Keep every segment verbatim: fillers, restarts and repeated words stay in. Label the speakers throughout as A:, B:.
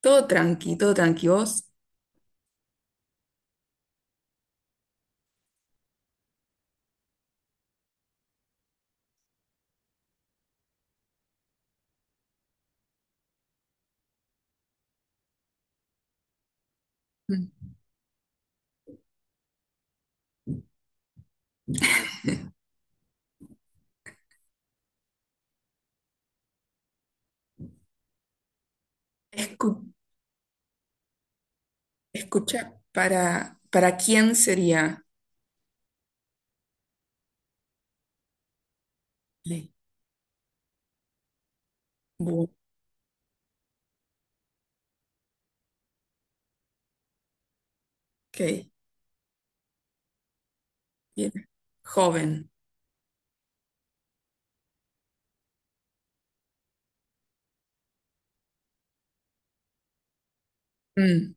A: Todo tranqui, todo tranqui. Vos. Mm. escu- Escucha, ¿para, para quién sería? Sí. Bu- Ok, bien. Joven. Mm,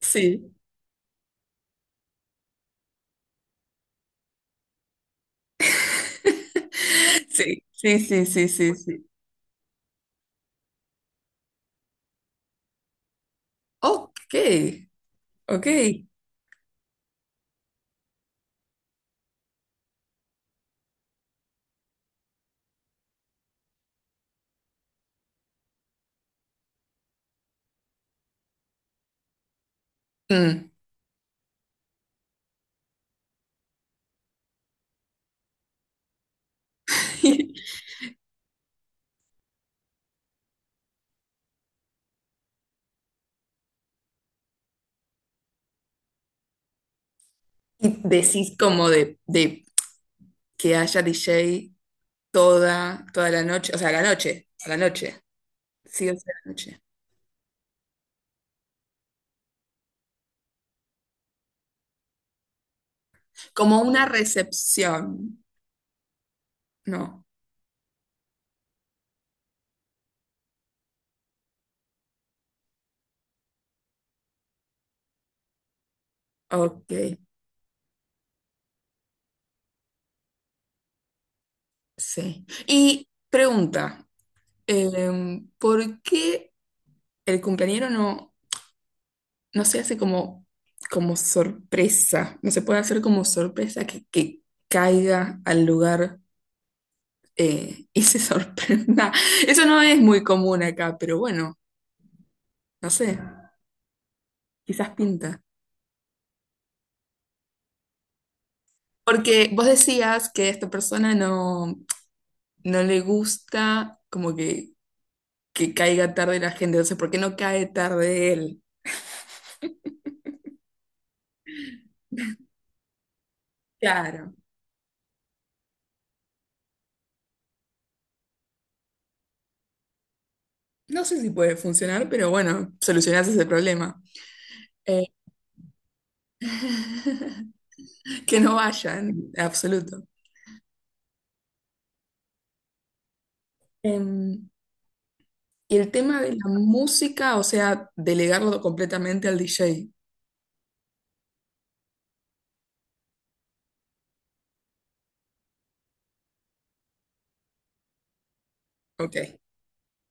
A: sí. Sí, sí, sí, sí, sí, sí. Ok, ok. Mm. Y decís como de, de que haya D J toda, toda la noche, o sea, a la noche, a la noche. Sí, o sea, a la noche. Como una recepción, ¿no? Ok. Sí. Y pregunta, em, ¿por qué el cumpleañero no, no se hace como, como sorpresa? No se puede hacer como sorpresa que, que caiga al lugar eh, y se sorprenda. Eso no es muy común acá, pero bueno, no sé, quizás pinta. Porque vos decías que a esta persona no, no le gusta como que, que caiga tarde la gente, entonces, ¿por qué no cae tarde él? Claro. No sé si puede funcionar, pero bueno, solucionás ese problema. Eh, que no vayan, absoluto. Em, y el tema de la música, o sea, delegarlo completamente al D J. Ok,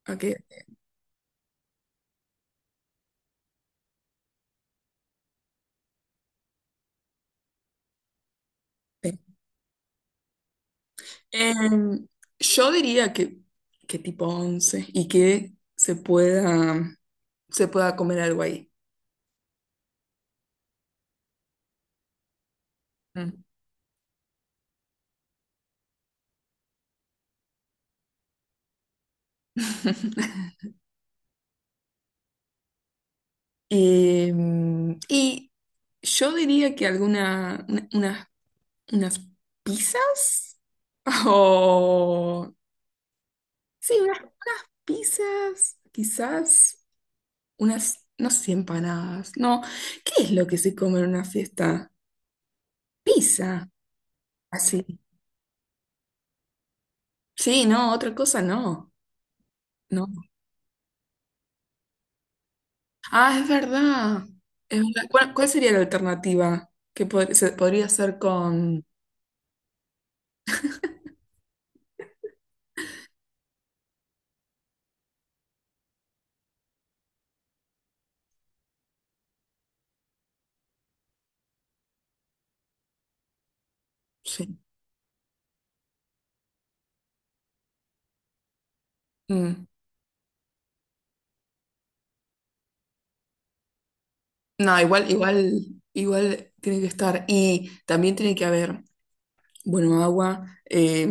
A: ok. Sí. Em, yo diría que, que tipo once y que se pueda, se pueda comer algo ahí. Mm. Em, y yo diría que alguna, una- unas ¿Unas pizzas? O... Sí, unas pizzas, quizás unas, no sé, empanadas. No, ¿qué es lo que se come en una fiesta? Pizza, así. Sí, no, otra cosa no. No. Ah, es verdad. Es verdad. ¿Cuál, cuál sería la alternativa? Que pod- se- podría ser con... Sí. Mm. No, igual, igual, igual tiene que estar. Y también tiene que haber. Bueno, agua. eh,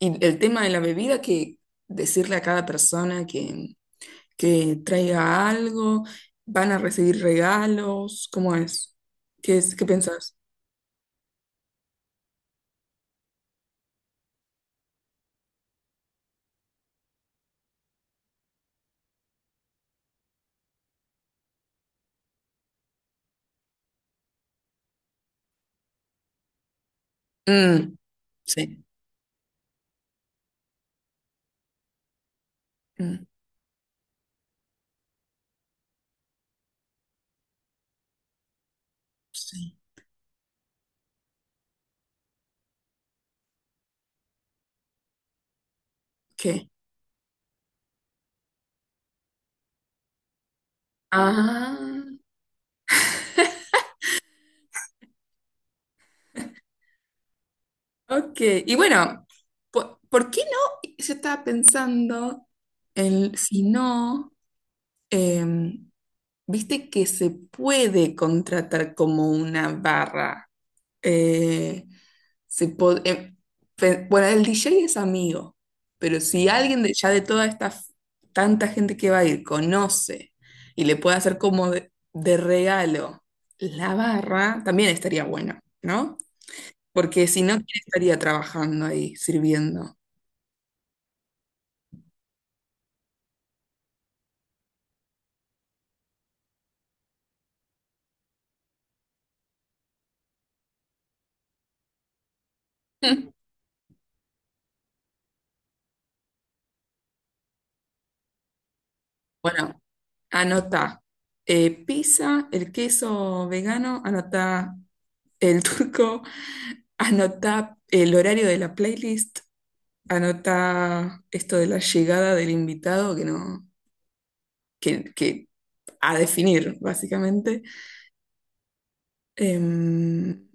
A: Y el tema de la bebida, que decirle a cada persona que, que traiga algo, van a recibir regalos, ¿cómo es? ¿Qué es? ¿Qué pensás? Mm, sí. Mm, sí. ¿Qué? Ah, ok. Y bueno, po- ¿por qué no? Yo estaba pensando en si no, em, viste que se puede contratar como una barra. Eh, se po- em, pe- bueno, el D J es amigo, pero si alguien de, ya de toda esta f- tanta gente que va a ir conoce y le puede hacer como de, de regalo la barra, también estaría bueno, ¿no? Porque si no, ¿quién estaría trabajando ahí, sirviendo? Bueno, anota eh, pizza, el queso vegano, anota el turco, anota el horario de la playlist. Anota esto de la llegada del invitado que no, que, que a definir, básicamente. Em,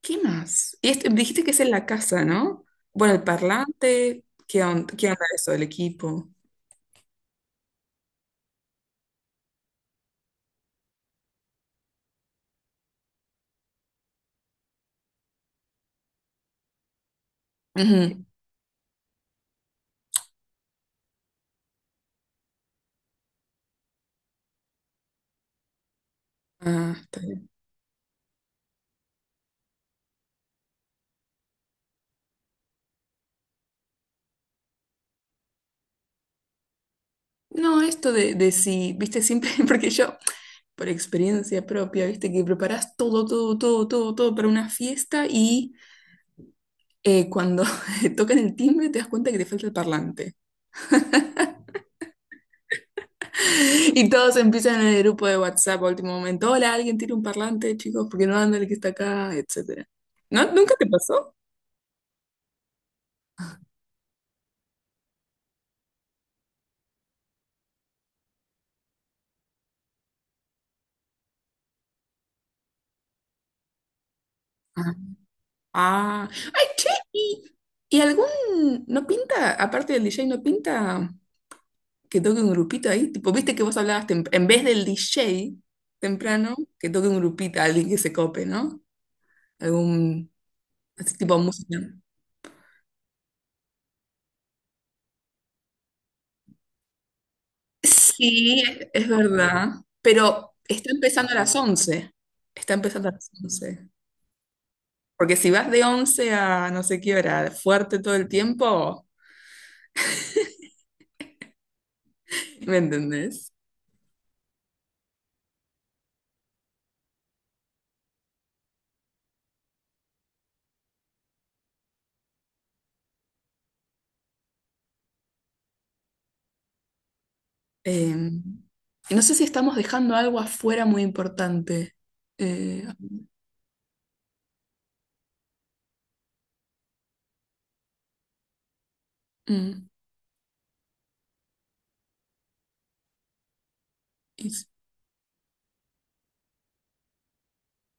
A: ¿qué más? Y esto, dijiste que es en la casa, ¿no? Bueno, el parlante, ¿qué onda, qué onda eso el equipo? Ujú. Ah, está bien. No, esto de, de si, viste, siempre, porque yo, por experiencia propia, viste, que preparás todo, todo, todo, todo, todo para una fiesta y eh, cuando tocan el timbre te das cuenta que te falta el parlante. Y todos empiezan en el grupo de WhatsApp a último momento. Hola, alguien tiene un parlante, chicos, porque no anda el que está acá, etcétera. ¿No? ¿Nunca te pasó? Ah. Ah. Ay, che, ¿y, y algún no pinta, aparte del D J, no pinta que toque un grupito ahí? Tipo, viste que vos hablabas tem- en vez del D J temprano, que toque un grupito, alguien que se cope, ¿no? Algún así tipo de música. Sí, es verdad, pero está empezando a las once. Está empezando a las once. Porque si vas de once a no sé qué hora, fuerte todo el tiempo, ¿me entendés? Eh, y no sé si estamos dejando algo afuera muy importante. Eh, mm, y s-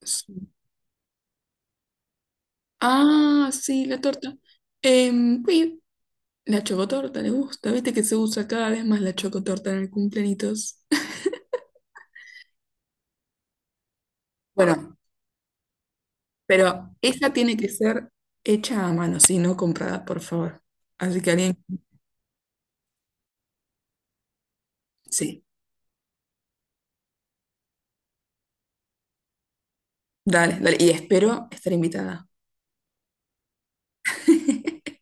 A: sí. Ah, sí, la torta. Em, uy, la chocotorta le gusta, viste que se usa cada vez más la chocotorta en el cumpleañitos. Bueno, pero esa tiene que ser hecha a mano, sí, no comprada, por favor. Así que alguien, sí, dale, dale. Y espero estar invitada.